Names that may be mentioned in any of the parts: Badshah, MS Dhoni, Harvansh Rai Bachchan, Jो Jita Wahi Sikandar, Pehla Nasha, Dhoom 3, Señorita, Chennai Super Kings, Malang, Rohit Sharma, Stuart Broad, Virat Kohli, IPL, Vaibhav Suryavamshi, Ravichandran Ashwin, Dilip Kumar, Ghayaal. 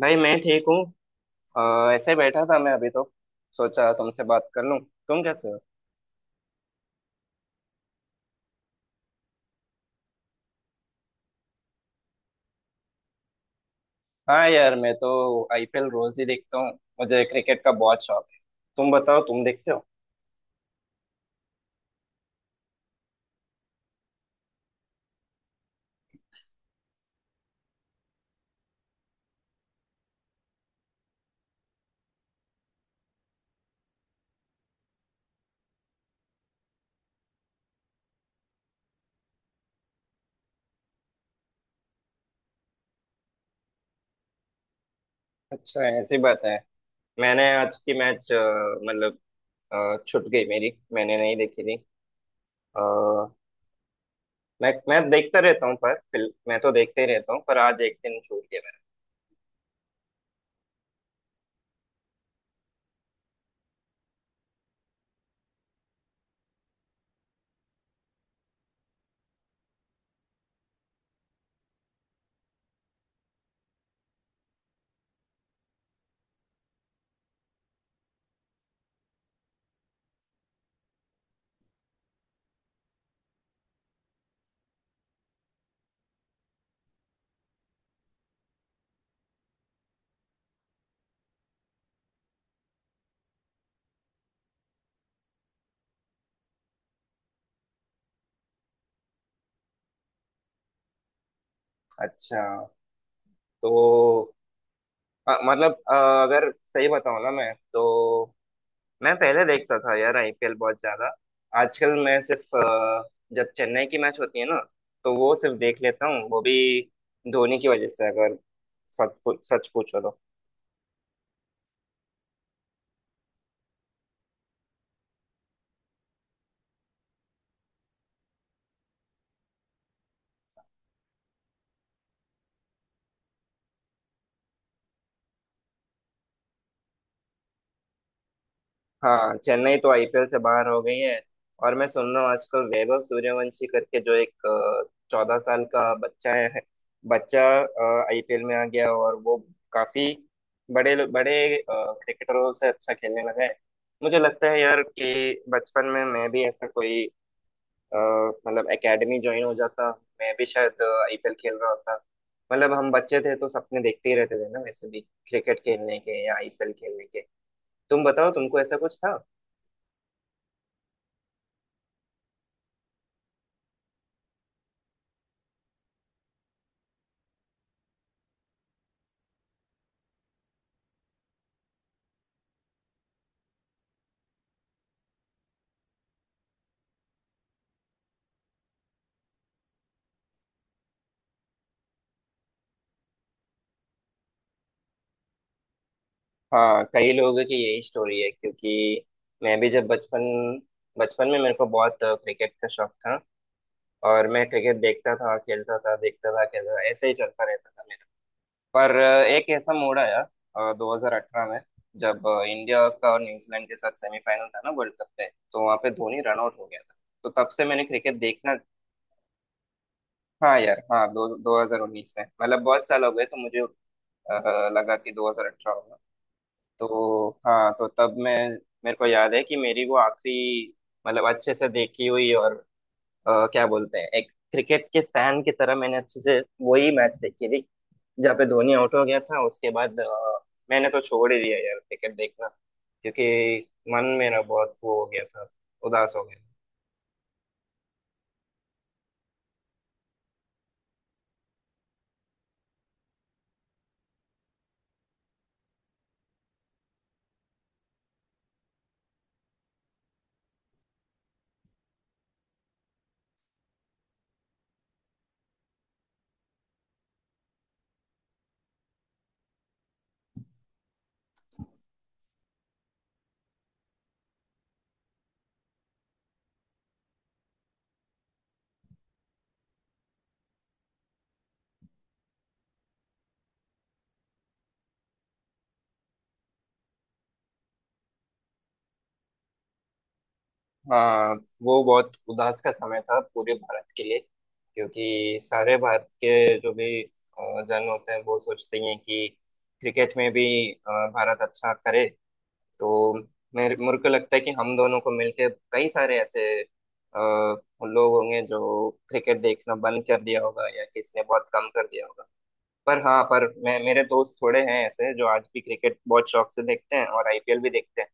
भाई मैं ठीक हूँ। ऐसे ही बैठा था मैं अभी तो सोचा तुमसे बात कर लूँ। तुम कैसे हो? हाँ यार, मैं तो आईपीएल रोज ही देखता हूँ। मुझे क्रिकेट का बहुत शौक है। तुम बताओ, तुम देखते हो? अच्छा, ऐसी बात है। मैंने आज की मैच मतलब छूट गई मेरी, मैंने नहीं देखी थी। अ, मैं देखता रहता हूँ पर फिल मैं तो देखते ही रहता हूँ, पर आज एक दिन छूट गया मेरा। अच्छा। तो अ, मतलब अ, अगर सही बताऊँ ना, मैं तो मैं पहले देखता था यार आईपीएल बहुत ज्यादा। आजकल मैं सिर्फ जब चेन्नई की मैच होती है ना, तो वो सिर्फ देख लेता हूँ, वो भी धोनी की वजह से। अगर सच पूछो तो हाँ, चेन्नई तो आईपीएल से बाहर हो गई है। और मैं सुन रहा हूँ आजकल वैभव सूर्यवंशी करके जो एक 14 साल का बच्चा है, बच्चा आईपीएल में आ गया और वो काफी बड़े बड़े क्रिकेटरों से अच्छा खेलने लगा है। मुझे लगता है यार कि बचपन में मैं भी ऐसा कोई अ, मतलब एकेडमी ज्वाइन हो जाता, मैं भी शायद आईपीएल खेल रहा होता। मतलब हम बच्चे थे तो सपने देखते ही रहते थे ना वैसे भी, क्रिकेट खेलने के या आईपीएल खेलने के। तुम बताओ, तुमको ऐसा कुछ था? हाँ, कई लोगों की यही स्टोरी है, क्योंकि मैं भी जब बचपन बचपन में मेरे को बहुत क्रिकेट का शौक था। और मैं क्रिकेट देखता था खेलता था देखता था खेलता था, ऐसे ही चलता रहता था मेरा। पर एक ऐसा मोड़ आया 2018 में, जब इंडिया का और न्यूजीलैंड के साथ सेमीफाइनल था ना वर्ल्ड कप में, तो वहां पे धोनी रन आउट हो गया था। तो तब से मैंने क्रिकेट देखना। हाँ यार हाँ, दो 2019 में, मतलब बहुत साल हो गए तो मुझे लगा कि 2018 होगा। तो हाँ, तो तब मैं मेरे को याद है कि मेरी वो आखिरी, मतलब अच्छे से देखी हुई और क्या बोलते हैं, एक क्रिकेट के फैन की तरह मैंने अच्छे से वही मैच देखी थी, जहाँ पे धोनी आउट हो गया था। उसके बाद मैंने तो छोड़ ही दिया यार क्रिकेट देखना, क्योंकि मन मेरा बहुत वो हो गया था, उदास हो गया था। वो बहुत उदास का समय था पूरे भारत के लिए, क्योंकि सारे भारत के जो भी जन होते हैं, वो सोचते हैं कि क्रिकेट में भी भारत अच्छा करे। तो मेरे मेरे को लगता है कि हम दोनों को मिलकर कई सारे ऐसे लोग होंगे जो क्रिकेट देखना बंद कर दिया होगा या किसने बहुत कम कर दिया होगा। पर हाँ, पर मैं मेरे दोस्त थोड़े हैं ऐसे जो आज भी क्रिकेट बहुत शौक से देखते हैं और आईपीएल भी देखते हैं।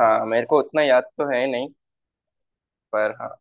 हाँ, मेरे को उतना याद तो है नहीं, पर हाँ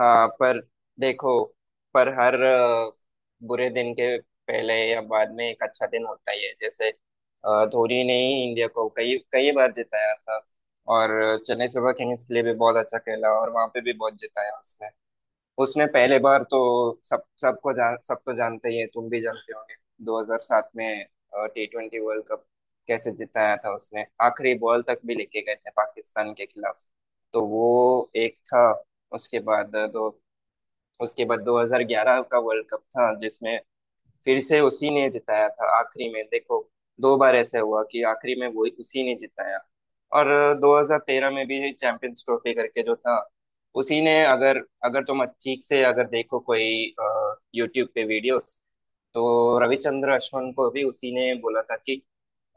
हाँ। पर देखो, पर हर बुरे दिन के पहले या बाद में एक अच्छा दिन होता ही है, जैसे धोनी ने ही इंडिया को कई कई बार जिताया था। और चेन्नई सुपर किंग्स के लिए भी बहुत अच्छा खेला और वहां पे भी बहुत जिताया उसने। उसने पहले बार तो सब सबको जान, सब तो जानते ही है, तुम भी जानते होंगे, 2007 में टी ट्वेंटी वर्ल्ड कप कैसे जिताया था उसने, आखिरी बॉल तक भी लेके गए थे पाकिस्तान के खिलाफ। तो वो एक था। उसके बाद दो, उसके बाद 2011 का वर्ल्ड कप था जिसमें फिर से उसी ने जिताया था आखिरी में। देखो, दो बार ऐसा हुआ कि आखिरी में वो उसी ने जिताया। और 2013 में भी चैंपियंस ट्रॉफी करके जो था, उसी ने, अगर अगर तुम ठीक से अगर देखो कोई यूट्यूब पे वीडियोस, तो रविचंद्र अश्विन को भी उसी ने बोला था कि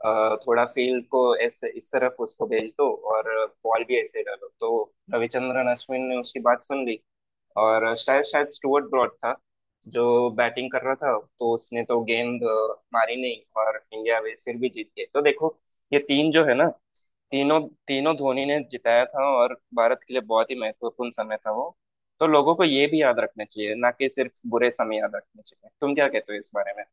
थोड़ा फील्ड को ऐसे इस तरफ उसको भेज दो और बॉल भी ऐसे डालो। तो रविचंद्रन अश्विन ने उसकी बात सुन ली, और शायद शायद स्टुअर्ट ब्रॉड था जो बैटिंग कर रहा था, तो उसने तो गेंद मारी नहीं, और इंडिया वे फिर भी जीत गई। तो देखो, ये तीन जो है ना, तीनों, तीनों धोनी ने जिताया था, और भारत के लिए बहुत ही महत्वपूर्ण समय था वो। तो लोगों को ये भी याद रखना चाहिए ना, कि सिर्फ बुरे समय याद रखने चाहिए? तुम क्या कहते हो इस बारे में?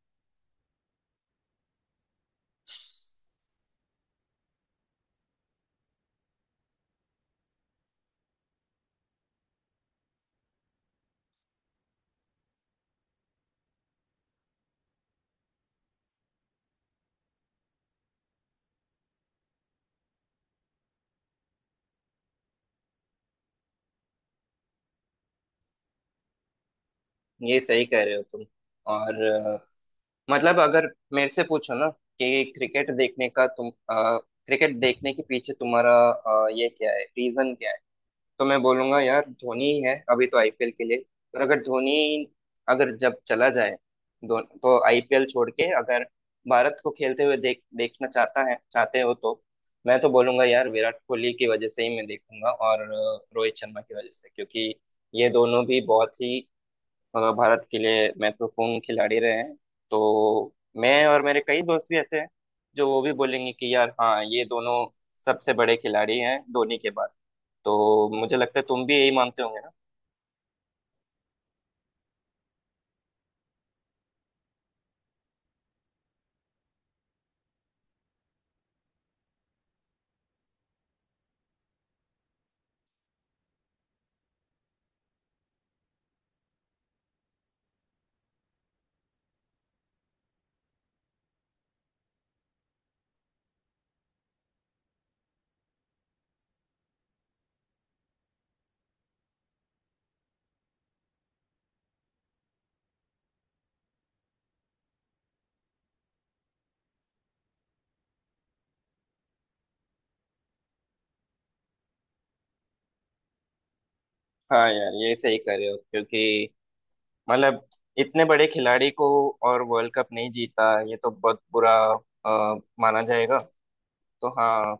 ये सही कह रहे हो तुम। और मतलब, अगर मेरे से पूछो ना कि क्रिकेट देखने का तुम क्रिकेट देखने के पीछे तुम्हारा ये क्या है, रीजन क्या है, तो मैं बोलूंगा यार धोनी ही है अभी तो आईपीएल के लिए। और अगर धोनी अगर जब चला जाए, तो आईपीएल छोड़ के, अगर भारत को खेलते हुए देखना चाहता है, चाहते हो, तो मैं तो बोलूंगा यार विराट कोहली की वजह से ही मैं देखूंगा, और रोहित शर्मा की वजह से, क्योंकि ये दोनों भी बहुत ही भारत के लिए महत्वपूर्ण खिलाड़ी रहे हैं। तो मैं और मेरे कई दोस्त भी ऐसे हैं जो वो भी बोलेंगे कि यार हाँ, ये दोनों सबसे बड़े खिलाड़ी हैं धोनी के बाद। तो मुझे लगता है तुम भी यही मानते होंगे ना। हाँ यार, ये सही कर रहे हो, क्योंकि मतलब इतने बड़े खिलाड़ी को और वर्ल्ड कप नहीं जीता, ये तो बहुत बुरा माना जाएगा। तो हाँ,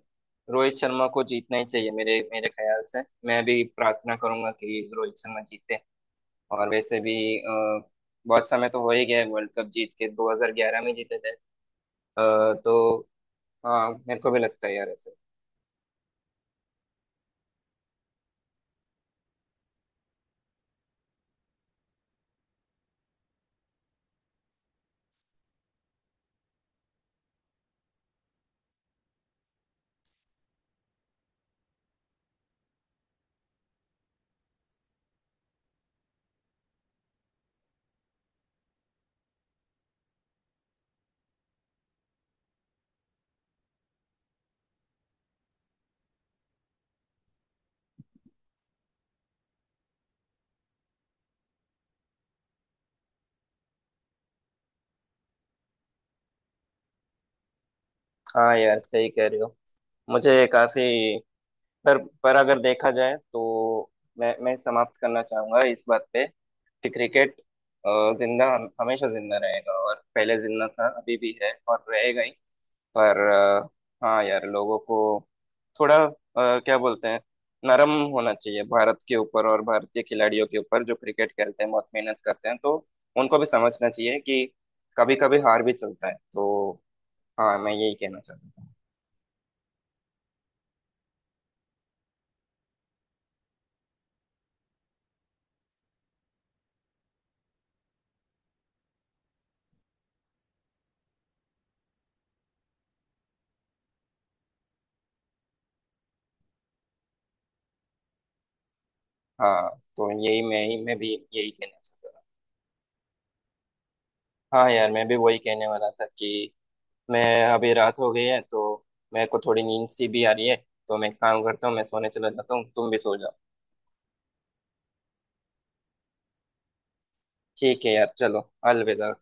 रोहित शर्मा को जीतना ही चाहिए, मेरे मेरे ख्याल से। मैं भी प्रार्थना करूंगा कि रोहित शर्मा जीते। और वैसे भी अ, बहुत समय तो हो ही गया है वर्ल्ड कप जीत के, 2011 में जीते थे। तो हाँ, मेरे को भी लगता है यार ऐसे। हाँ यार, सही कह रहे हो। मुझे काफी, पर पर अगर देखा जाए तो मैं समाप्त करना चाहूंगा इस बात पे कि क्रिकेट अ, जिंदा हमेशा जिंदा रहेगा, और पहले जिंदा था, अभी भी है और रहेगा ही। पर हाँ यार, लोगों को थोड़ा क्या बोलते हैं, नरम होना चाहिए भारत के ऊपर और भारतीय खिलाड़ियों के ऊपर, जो क्रिकेट खेलते हैं, बहुत मेहनत करते हैं। तो उनको भी समझना चाहिए कि कभी कभी हार भी चलता है। तो हाँ, मैं यही कहना चाहता था। हाँ, तो यही मैं भी यही कहना चाहता था। हाँ यार, मैं भी वही कहने वाला था कि मैं, अभी रात हो गई है तो मेरे को थोड़ी नींद सी भी आ रही है, तो मैं एक काम करता हूँ, मैं सोने चला जाता हूँ, तुम भी सो जाओ। ठीक है यार, चलो अलविदा।